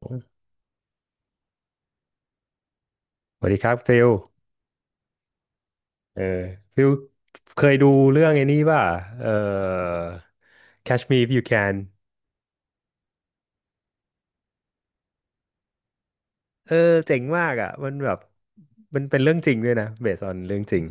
สวัสดีครับฟิลเออฟิลเคยดูเรื่องไอ้นี้ป่ะเออ Catch Me If You Can เออเจ๋งมากอ่ะมันแบบมันเป็นเรื่องจริงด้วยนะ based on เรื่องจริง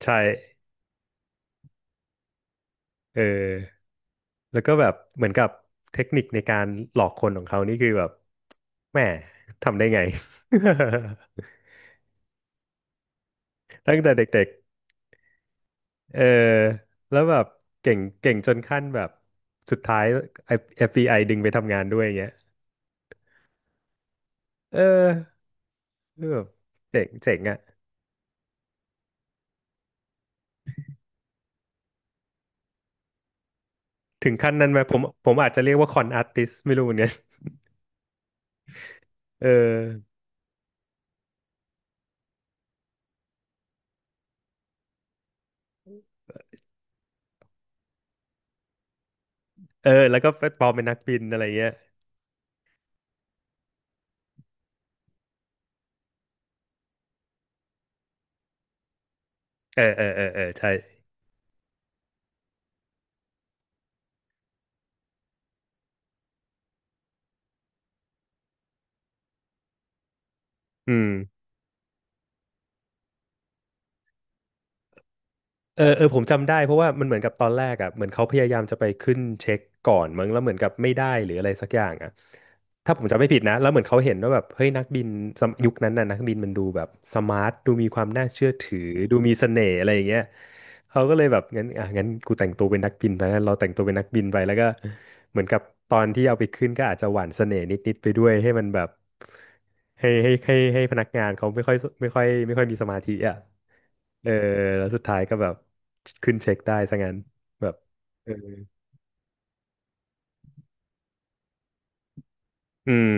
ใช่เออแล้วก็แบบเหมือนกับเทคนิคในการหลอกคนของเขานี่คือแบบแหม่ทำได้ไง ตั้งแต่เด็กๆแล้วแบบเก่งจนขั้นแบบสุดท้าย FBI ดึงไปทำงานด้วยอย่างเงี้ยเออ เออแบบเจ๋งอะ ถึงขั้นนั้นไหม ผมอาจจะเรียกว่าคอนอาร์ติสไม่รู้เหมือนกัน เออ แล้วก็ปลอมเป็นนักบินอะไรเงี้ย ใช่อืม ผมจำได้เพราะว่ามันเหมือนกับตอนแรกอ่ะเหมือนเขาพยายามจะไปขึ้นเช็คก่อนมั้งแล้วเหมือนกับไม่ได้หรืออะไรสักอย่างอ่ะถ้าผมจำไม่ผิดนะแล้วเหมือนเขาเห็นว่าแบบเฮ้ยนักบินสมยุคนั้นน่ะนักบินมันดูแบบสมาร์ทดูมีความน่าเชื่อถือดูมีเสน่ห์อะไรอย่างเงี้ยเขาก็เลยแบบงั้นอ่ะงั้นกูแต่งตัวเป็นนักบินไปงั้นเราแต่งตัวเป็นนักบินไปแล้วก็เหมือนกับตอนที่เอาไปขึ้นก็อาจจะหวานเสน่ห์นิดๆไปด้วยให้มันแบบให้พนักงานเขาไม่ค่อยมีสมาธิอ่ะ เออแล้วสุดท้ายก็แบบขึ้นเช็คได้ซะงั้นแบบเอออืม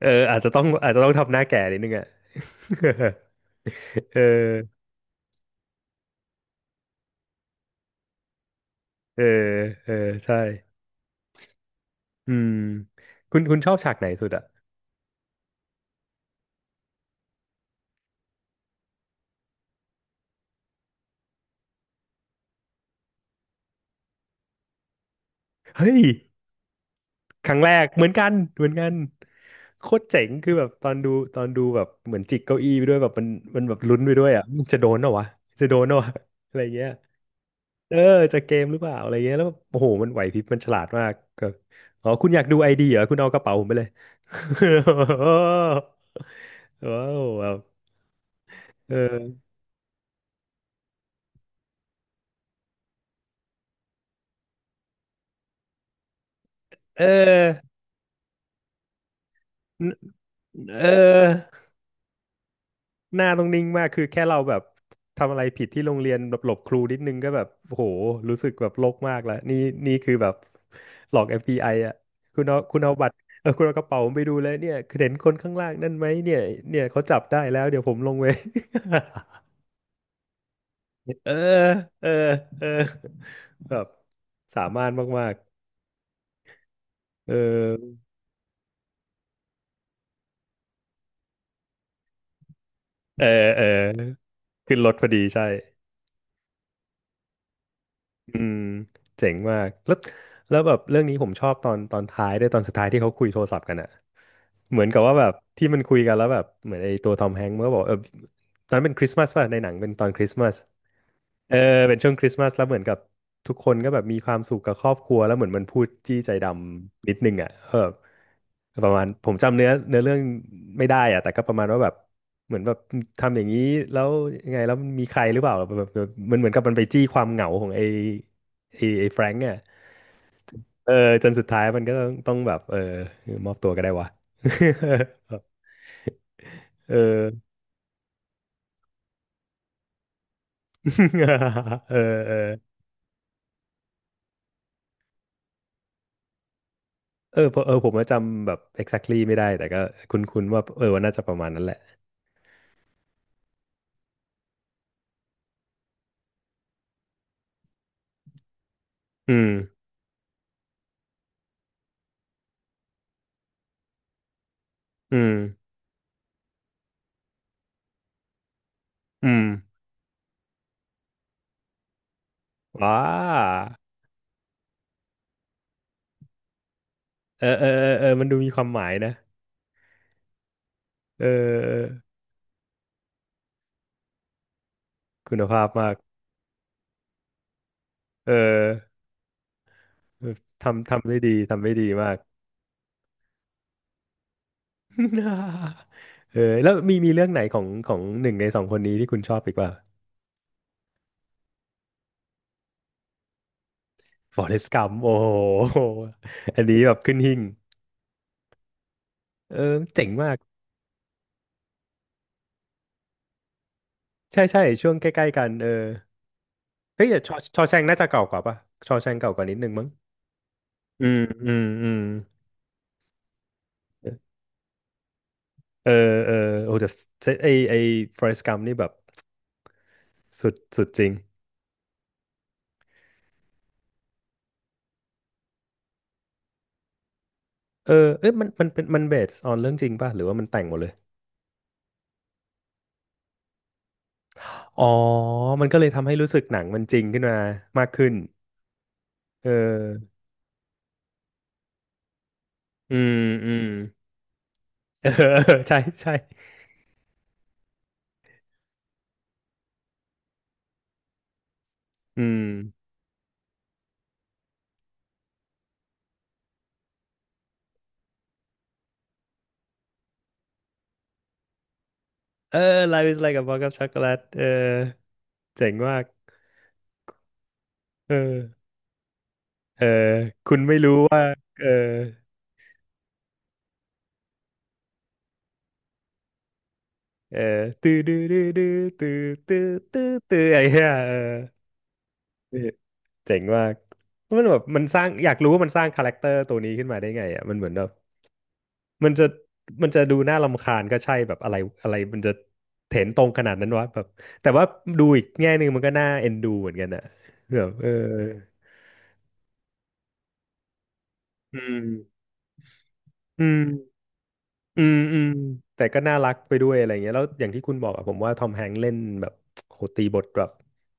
อาจจะต้องทำหน้าแก่นิดนึงอ่ะ เออเออเออใช่อืมคุณคุณชอบฉากไหนสุดอ่ะเฮ้ยครั้งแรกเหมือนกันเหมือนกันโคตรเจ๋งคือแบบตอนดูแบบเหมือนจิกเก้าอี้ไปด้วยแบบมันมันแบบลุ้นไปด้วยอ่ะมันจะโดนเหรอวะจะโดนเหรอวะอะไรเงี้ย เออจากเกมหรือเปล่าอะไรเงี้ยแล้วแบบโอ้โหมันไหวพริบมันฉลาดมากก็อ๋อคุณอยากดูไอดีเหรอคุณเอากระเป๋าผมไปเลย ว้าวแบบเออเออเออหน้าต้องนิ่งมากคือแค่เราแบบทำอะไรผิดที่โรงเรียนแบบหลบครูนิดนึงก็แบบโอ้โหรู้สึกแบบโลกมากแล้วนี่นี่คือแบบหลอก FBI อฟบีไออ่ะคุณเอาบัตรคุณเอากระเป๋าผมไปดูเลยเนี่ยคือเห็นคนข้างล่างนั่นไหมเนี่ยเนี่ยเขาจับได้แล้วเดี๋ยวผมลงไป เออ เออ เออ แบบสามารถมากๆเออเออ ขึ้นรถพอดีใช่อืมเจ๋งมาก แล้วแบบเรื่องนี้ผมชอบตอนท้ายด้วยตอนสุดท้ายที่เขาคุยโทรศัพท์กันอะเหมือนกับว่าแบบที่มันคุยกันแล้วแบบเหมือนไอ้ตัวทอมแฮงก์มันก็บอกตอนนั้นเป็นคริสต์มาสป่ะในหนังเป็นตอนคริสต์มาส เออเป็นช่วงคริสต์มาสแล้วเหมือนกับทุกคนก็แบบมีความสุขกับครอบครัวแล้วเหมือนมันพูดจี้ใจดำนิดนึงอ่ะประมาณผมจำเนื้อเรื่องไม่ได้อ่ะแต่ก็ประมาณว่าแบบเหมือนแบบทำอย่างนี้แล้วยังไงแล้วมีใครหรือเปล่าแบบมันเหมือนกับมันไปจี้ความเหงาของไอ้แฟรงก์อ่ะเออจนสุดท้ายมันก็ต้องแบบมอบตัวก็ได้วะ เออ เออเออ ผมผมว่าจำแบบ exactly ไม่ได้แต่ก็คุ้นๆว่าว่าน่าจะประมาณนั้นแหละ อืมอืมอืมว้ามันดูมีความหมายนะเออเออคุณภาพมากเออทำได้ดีมาก แล้วมีเรื่องไหนของของหนึ่งในสองคนนี้ที่คุณชอบอีกป่ะ Forrest Gump โอ้โห อันนี้แบบขึ้นหิ้งเออเจ๋งมากใช่ใช่ช่วงใกล้ๆกันเฮ้ยแต่ชอแชงน่าจะเก่ากว่าป่ะชอแชงเก่ากว่านิดนึงมั้งอืมอืมอืมเออเออโอ้แต่เซตไอไอฟอเรสต์กัมนี่แบบสุดจริงเอ้มันมันเป็นมันเบสออนเรื่องจริงป่ะหรือว่ามันแต่งหมดเลยอ๋อมันก็เลยทำให้รู้สึกหนังมันจริงขึ้นมามากขึ้นเอออืมอืมเออ ใช่ใช่อืมเออ Life is like a box of chocolate เจ๋งมากเออเออคุณไม่รู้ว่าเออ เออตื้อดื้อดื้อดื้อตื้อตื้อตื้อตื้ออะไรเงี้ยเออเจ๋งมากมันแบบมันสร้างอยากรู้ว่ามันสร้างคาแรคเตอร์ตัวนี้ขึ้นมาได้ไงอ่ะมันเหมือนแบบมันจะมันจะดูน่ารำคาญก็ใช่แบบอะไรอะไรมันจะเถ็นตรงขนาดนั้นวะแบบแต่ว่าดูอีกแง่หนึ่งมันก็น่าเอ็นดูเหมือนกันอ่ะแบบเอออืมอืมอืมอืมแต่ก็น่ารักไปด้วยอะไรเงี้ยแล้วอย่างที่คุณบอกอะผมว่าทอมแฮงค์เล่นแบบโหตีบทแบบ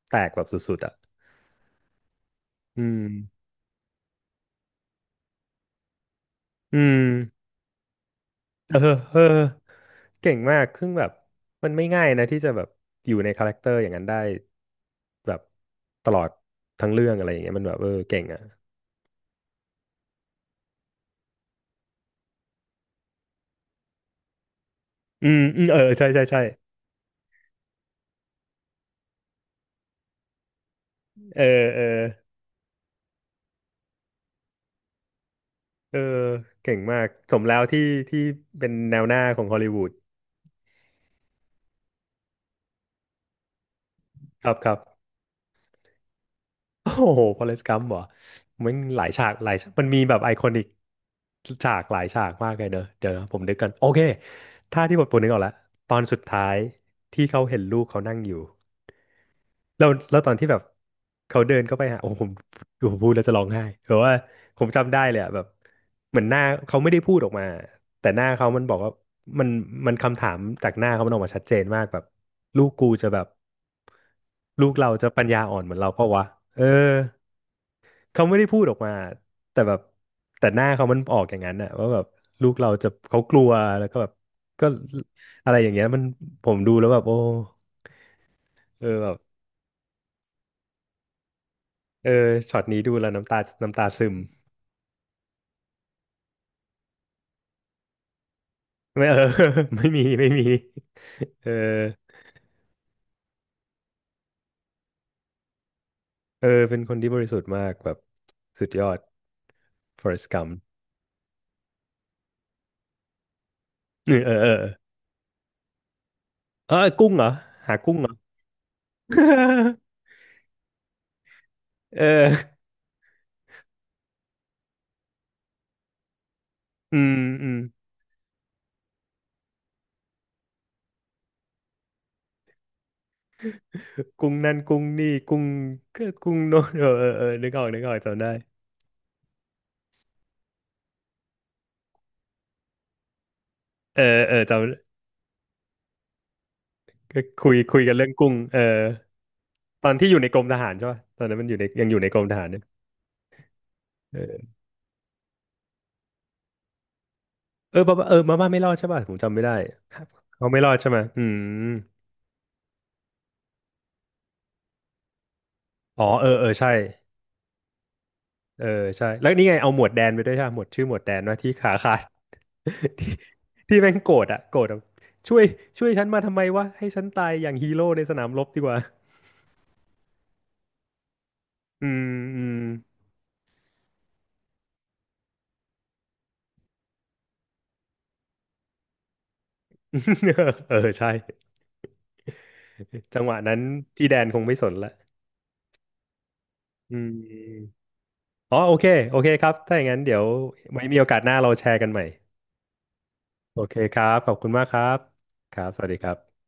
แตกแบบสุดๆอะอืม อืมเออเออเก่งมาก ซึ่งแบบมันไม่ง่ายนะที่จะแบบอยู่ในคาแรคเตอร์อย่างนั้นได้แบบตลอดทั้งเรื่องอะไรอย่างเงี้ยมันแบบเออเก่งอ่ะอืมอืมเออใช่ใช่ใช่เออเออเออเก่งมากสมแล้วที่เป็นแนวหน้าของฮอลลีวูดครับครับ โอ้โหฟอเรสต์กัมป์เหรอมันหลายฉากหลายฉากมันมีแบบไอคอนิกฉากหลายฉากมากเลยเนอะเดี๋ยวนะผมนึกกันโอเคถ้าที่ผมนึกออกแล้วตอนสุดท้ายที่เขาเห็นลูกเขานั่งอยู่แล้วตอนที่แบบเขาเดินเข้าไปหาโอ้โหผมพูดแล้วจะร้องไห้เพราะว่าผมจำได้เลยอะแบบเหมือนหน้าเขาไม่ได้พูดออกมาแต่หน้าเขามันบอกว่ามันมันคำถามจากหน้าเขามันออกมาชัดเจนมากแบบลูกกูจะแบบลูกเราจะปัญญาอ่อนเหมือนเราเพราะวะเออ เขาไม่ได้พูดออกมาแต่แบบแต่หน้าเขามันออกอย่างนั้นน่ะว่าแบบลูกเราจะเขากลัวแล้วก็แบบก็อะไรอย่างเงี้ยมันผมดูแล้วแบบโอ้เออแบบเออช็อตนี้ดูแล้วน้ำตาซึมไม่ เออ ไม่มีไม่มีเออเออเป็นคนที่บริสุทธิ์มากแบบสุดยอด Forrest Gump เออเออเออเออกุ้งเหรอหากุ้งเหรอ เอออืมอืม กุ้งนั่นกุ้งนี่กุ้งก็กุ้งโน้นเออเออเออนึกออกนึกออกจำได้เออเออจำก็คุยกันเรื่องกุ้งเออตอนที่อยู่ในกรมทหารใช่ป่ะตอนนั้นมันอยู่ในยังอยู่ในกรมทหารเนี่ยเออเออมาม่าเออมาม่าไม่รอดใช่ป่ะผมจำไม่ได้ครับเขาไม่รอดใช่ไหมอืมอ๋อเออเออใช่เออใช่แล้วนี่ไงเอาหมวดแดนไปด้วยใช่ปะหมวดชื่อหมวดแดนว่าที่ขาขาด ที่ที่แม่งโกรธอะโกรธแบบช่วยช่วยฉันมาทำไมวะให้ฉันตายอย่างฮีโร่ในสนามรบดีกว่าอืมอืม เออใช่ จังหวะนั้นพี่แดนคงไม่สนละอืมอ๋อโอเคโอเคครับ ถ้าอย่างนั้นเดี๋ยวไว้มีโอกาสหน้าเราแชร์กันใหม่ โอเคครับ ขอบคุณมากครับครับสวัสดีครับ